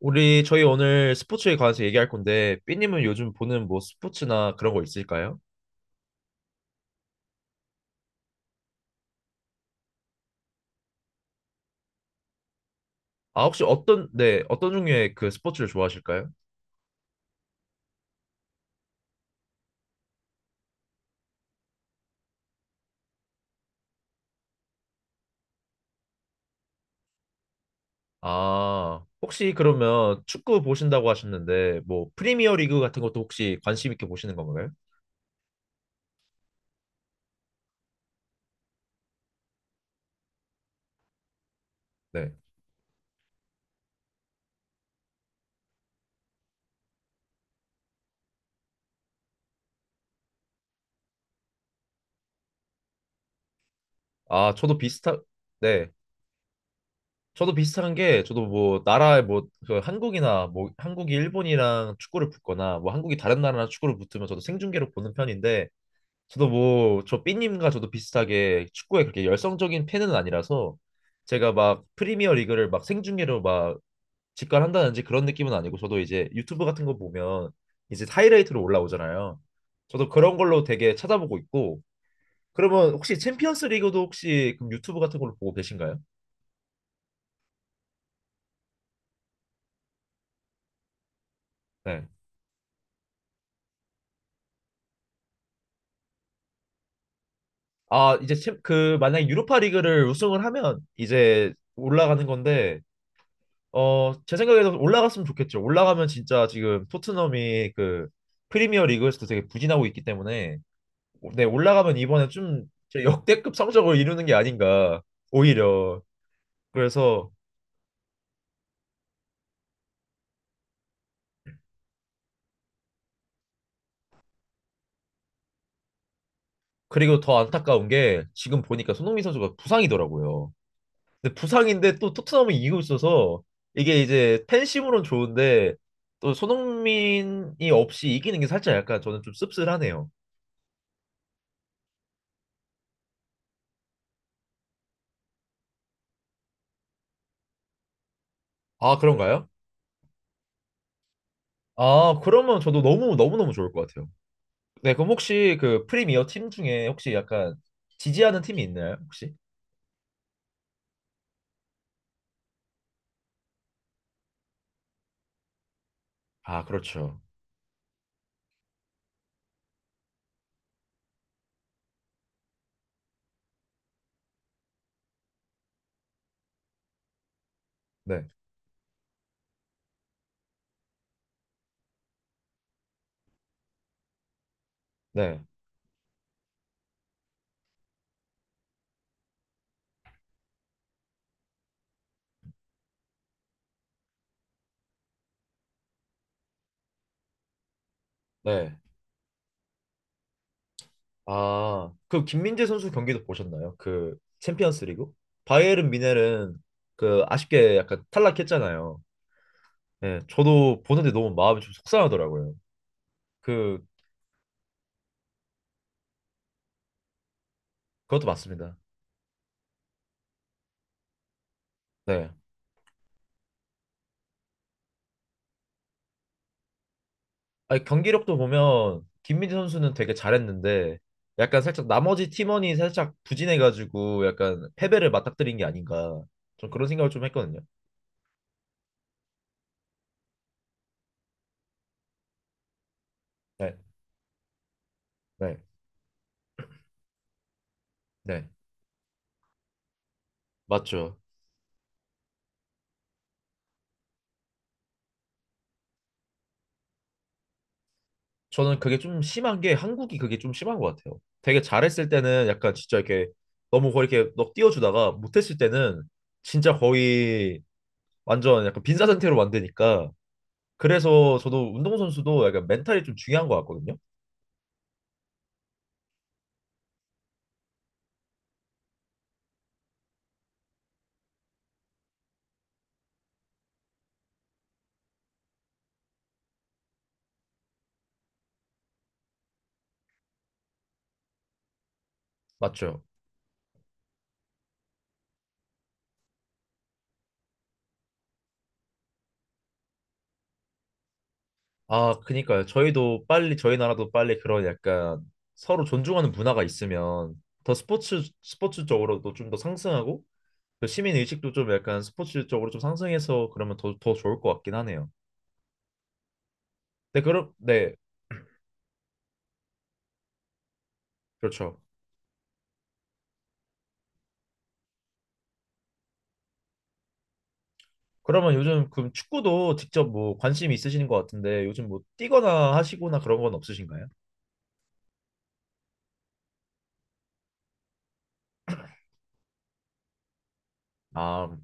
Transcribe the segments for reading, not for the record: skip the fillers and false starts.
우리 저희 오늘 스포츠에 관해서 얘기할 건데 삐님은 요즘 보는 뭐 스포츠나 그런 거 있을까요? 아, 혹시 어떤 네 어떤 종류의 그 스포츠를 좋아하실까요? 아, 혹시 그러면 축구 보신다고 하셨는데 뭐 프리미어 리그 같은 것도 혹시 관심 있게 보시는 건가요? 네. 아 저도 비슷한 네, 저도 비슷한 게 저도 뭐 나라에 뭐그 한국이나 뭐 한국이 일본이랑 축구를 붙거나 뭐 한국이 다른 나라랑 축구를 붙으면 저도 생중계로 보는 편인데 저도 뭐, 저 삐님과 저도 비슷하게 축구에 그렇게 열성적인 팬은 아니라서 제가 막 프리미어 리그를 막 생중계로 막 직관한다든지 그런 느낌은 아니고 저도 이제 유튜브 같은 거 보면 이제 하이라이트로 올라오잖아요. 저도 그런 걸로 되게 찾아보고 있고 그러면 혹시 챔피언스 리그도 혹시 그럼 유튜브 같은 걸로 보고 계신가요? 네. 아, 이제 챔, 그 만약에 유로파 리그를 우승을 하면 이제 올라가는 건데 어, 제 생각에도 올라갔으면 좋겠죠. 올라가면 진짜 지금 토트넘이 그 프리미어 리그에서도 되게 부진하고 있기 때문에 네, 올라가면 이번에 좀 진짜 역대급 성적을 이루는 게 아닌가 오히려. 그래서 그리고 더 안타까운 게 지금 보니까 손흥민 선수가 부상이더라고요. 근데 부상인데 또 토트넘이 이기고 있어서 이게 이제 팬심으로는 좋은데 또 손흥민이 없이 이기는 게 살짝 약간 저는 좀 씁쓸하네요. 아, 그런가요? 아, 그러면 저도 너무 너무너무 좋을 것 같아요. 네, 그럼 혹시 그 프리미어 팀 중에 혹시 약간 지지하는 팀이 있나요, 혹시? 아, 그렇죠. 네, 네, 네. 아, 그 김민재 선수 경기도 보셨나요? 그 챔피언스 리그? 바이에른 미넨은 그 아쉽게 약간 탈락했잖아요. 네, 저도 보는데 너무 마음이 좀 속상하더라고요. 그, 그것도 맞습니다. 네. 아니, 경기력도 보면 김민재 선수는 되게 잘했는데 약간 살짝 나머지 팀원이 살짝 부진해가지고 약간 패배를 맞닥뜨린 게 아닌가 좀 그런 생각을 좀 했거든요. 네, 네, 네, 맞죠. 저는 그게 좀 심한 게 한국이 그게 좀 심한 것 같아요. 되게 잘했을 때는 약간 진짜 이렇게 너무 거의 이렇게 넋 띄워주다가 못했을 때는 진짜 거의 완전 약간 빈사 상태로 만드니까 그래서 저도 운동선수도 약간 멘탈이 좀 중요한 것 같거든요. 맞죠. 아, 그니까요. 저희 나라도 빨리 그런 약간 서로 존중하는 문화가 있으면 더 스포츠, 스포츠 쪽으로도 좀 더 상승하고, 그 시민 의식도 좀 약간 스포츠 쪽으로 좀 상승해서 그러면 더, 더 좋을 것 같긴 하네요. 네, 그럼, 네, 그렇죠. 그러면 요즘 그 축구도 직접 뭐 관심 있으신 것 같은데 요즘 뭐 뛰거나 하시거나 그런 건 없으신가요? 아,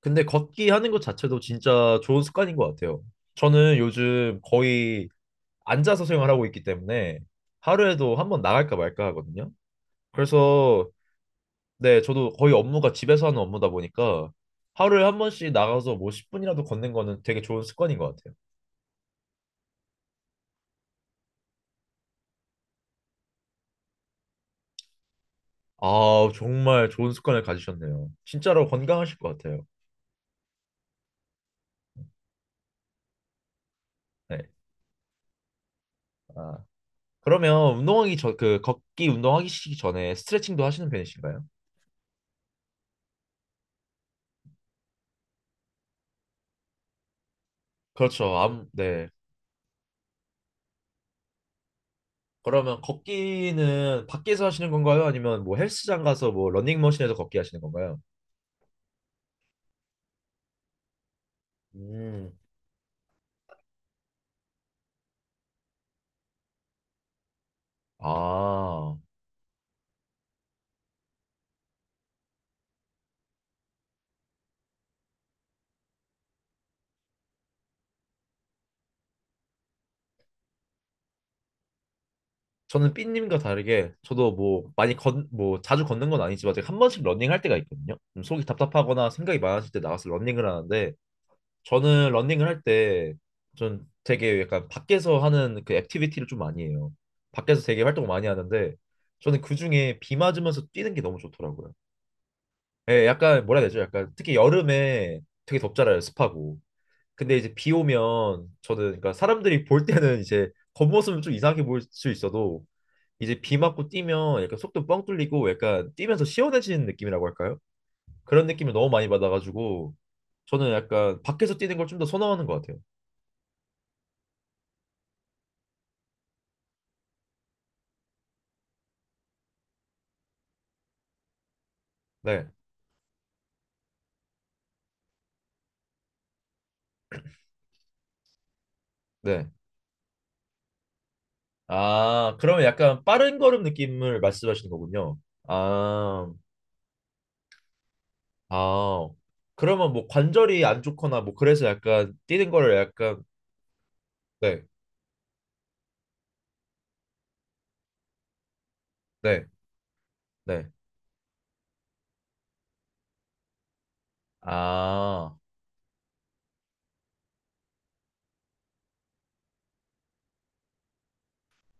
근데 걷기 하는 것 자체도 진짜 좋은 습관인 것 같아요. 저는 요즘 거의 앉아서 수영을 하고 있기 때문에 하루에도 한번 나갈까 말까 하거든요. 그래서 네, 저도 거의 업무가 집에서 하는 업무다 보니까 하루에 한 번씩 나가서 뭐 10분이라도 걷는 거는 되게 좋은 습관인 것 같아요. 아, 정말 좋은 습관을 가지셨네요. 진짜로 건강하실 것 같아요. 네. 아, 그러면 운동하기 전, 그 걷기 운동하기 시기 전에 스트레칭도 하시는 편이신가요? 그렇죠. 암, 네. 그러면 걷기는 밖에서 하시는 건가요? 아니면 뭐 헬스장 가서 뭐 러닝머신에서 걷기 하시는 건가요? 음. 아, 저는 삐님과 다르게 저도 뭐 많이 건, 뭐 자주 걷는 건 아니지만 제가 한 번씩 러닝할 때가 있거든요. 좀 속이 답답하거나 생각이 많아질 때 나가서 러닝을 하는데 저는 러닝을 할 때 전 되게 약간 밖에서 하는 그 액티비티를 좀 많이 해요. 밖에서 되게 활동을 많이 하는데 저는 그중에 비 맞으면서 뛰는 게 너무 좋더라고요. 예, 약간 뭐라 해야 되죠? 약간 특히 여름에 되게 덥잖아요, 습하고. 근데 이제 비 오면 저는 그러니까 사람들이 볼 때는 이제 겉모습은 좀 이상하게 보일 수 있어도 이제 비 맞고 뛰면 약간 속도 뻥 뚫리고 약간 뛰면서 시원해지는 느낌이라고 할까요? 그런 느낌을 너무 많이 받아가지고 저는 약간 밖에서 뛰는 걸 좀 더 선호하는 것 같아요. 네, 네. 아, 그러면 약간 빠른 걸음 느낌을 말씀하시는 거군요. 아, 아. 그러면 뭐 관절이 안 좋거나 뭐 그래서 약간 뛰는 거를 약간 네, 네, 네. 아.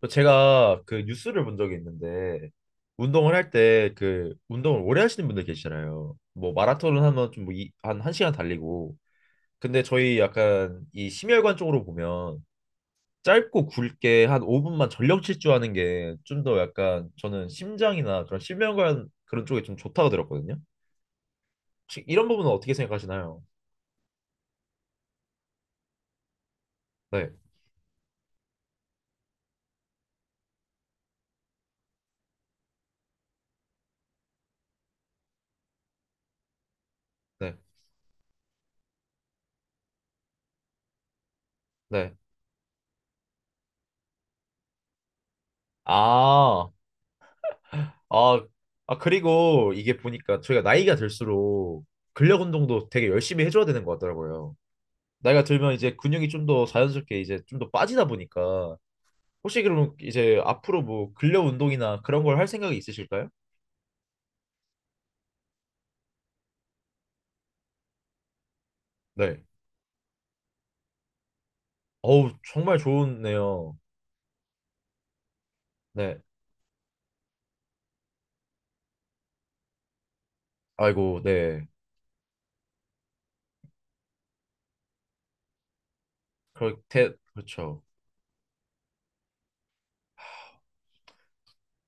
또 제가 그 뉴스를 본 적이 있는데 운동을 할 때 그 운동을 오래 하시는 분들 계시잖아요. 뭐 마라톤을 하면 좀뭐한 한시간 달리고 근데 저희 약간 이 심혈관 쪽으로 보면 짧고 굵게 한 5분만 전력 질주하는 게 좀 더 약간 저는 심장이나 그런 심혈관 그런 쪽에 좀 좋다고 들었거든요. 혹시 이런 부분은 어떻게 생각하시나요? 네, 네, 네. 아, 아, 아, 그리고 이게 보니까 저희가 나이가 들수록 근력 운동도 되게 열심히 해줘야 되는 것 같더라고요. 나이가 들면 이제 근육이 좀 더 자연스럽게 이제 좀 더 빠지다 보니까 혹시 그럼 이제 앞으로 뭐 근력 운동이나 그런 걸 할 생각이 있으실까요? 네. 어우, 정말 좋네요. 네. 아이고, 네. 그렇대 그렇죠.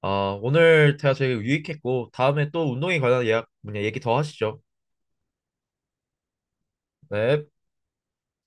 아, 오늘 대화 되게 유익했고, 다음에 또 운동에 관한 예약, 뭐냐, 얘기 더 하시죠. 네.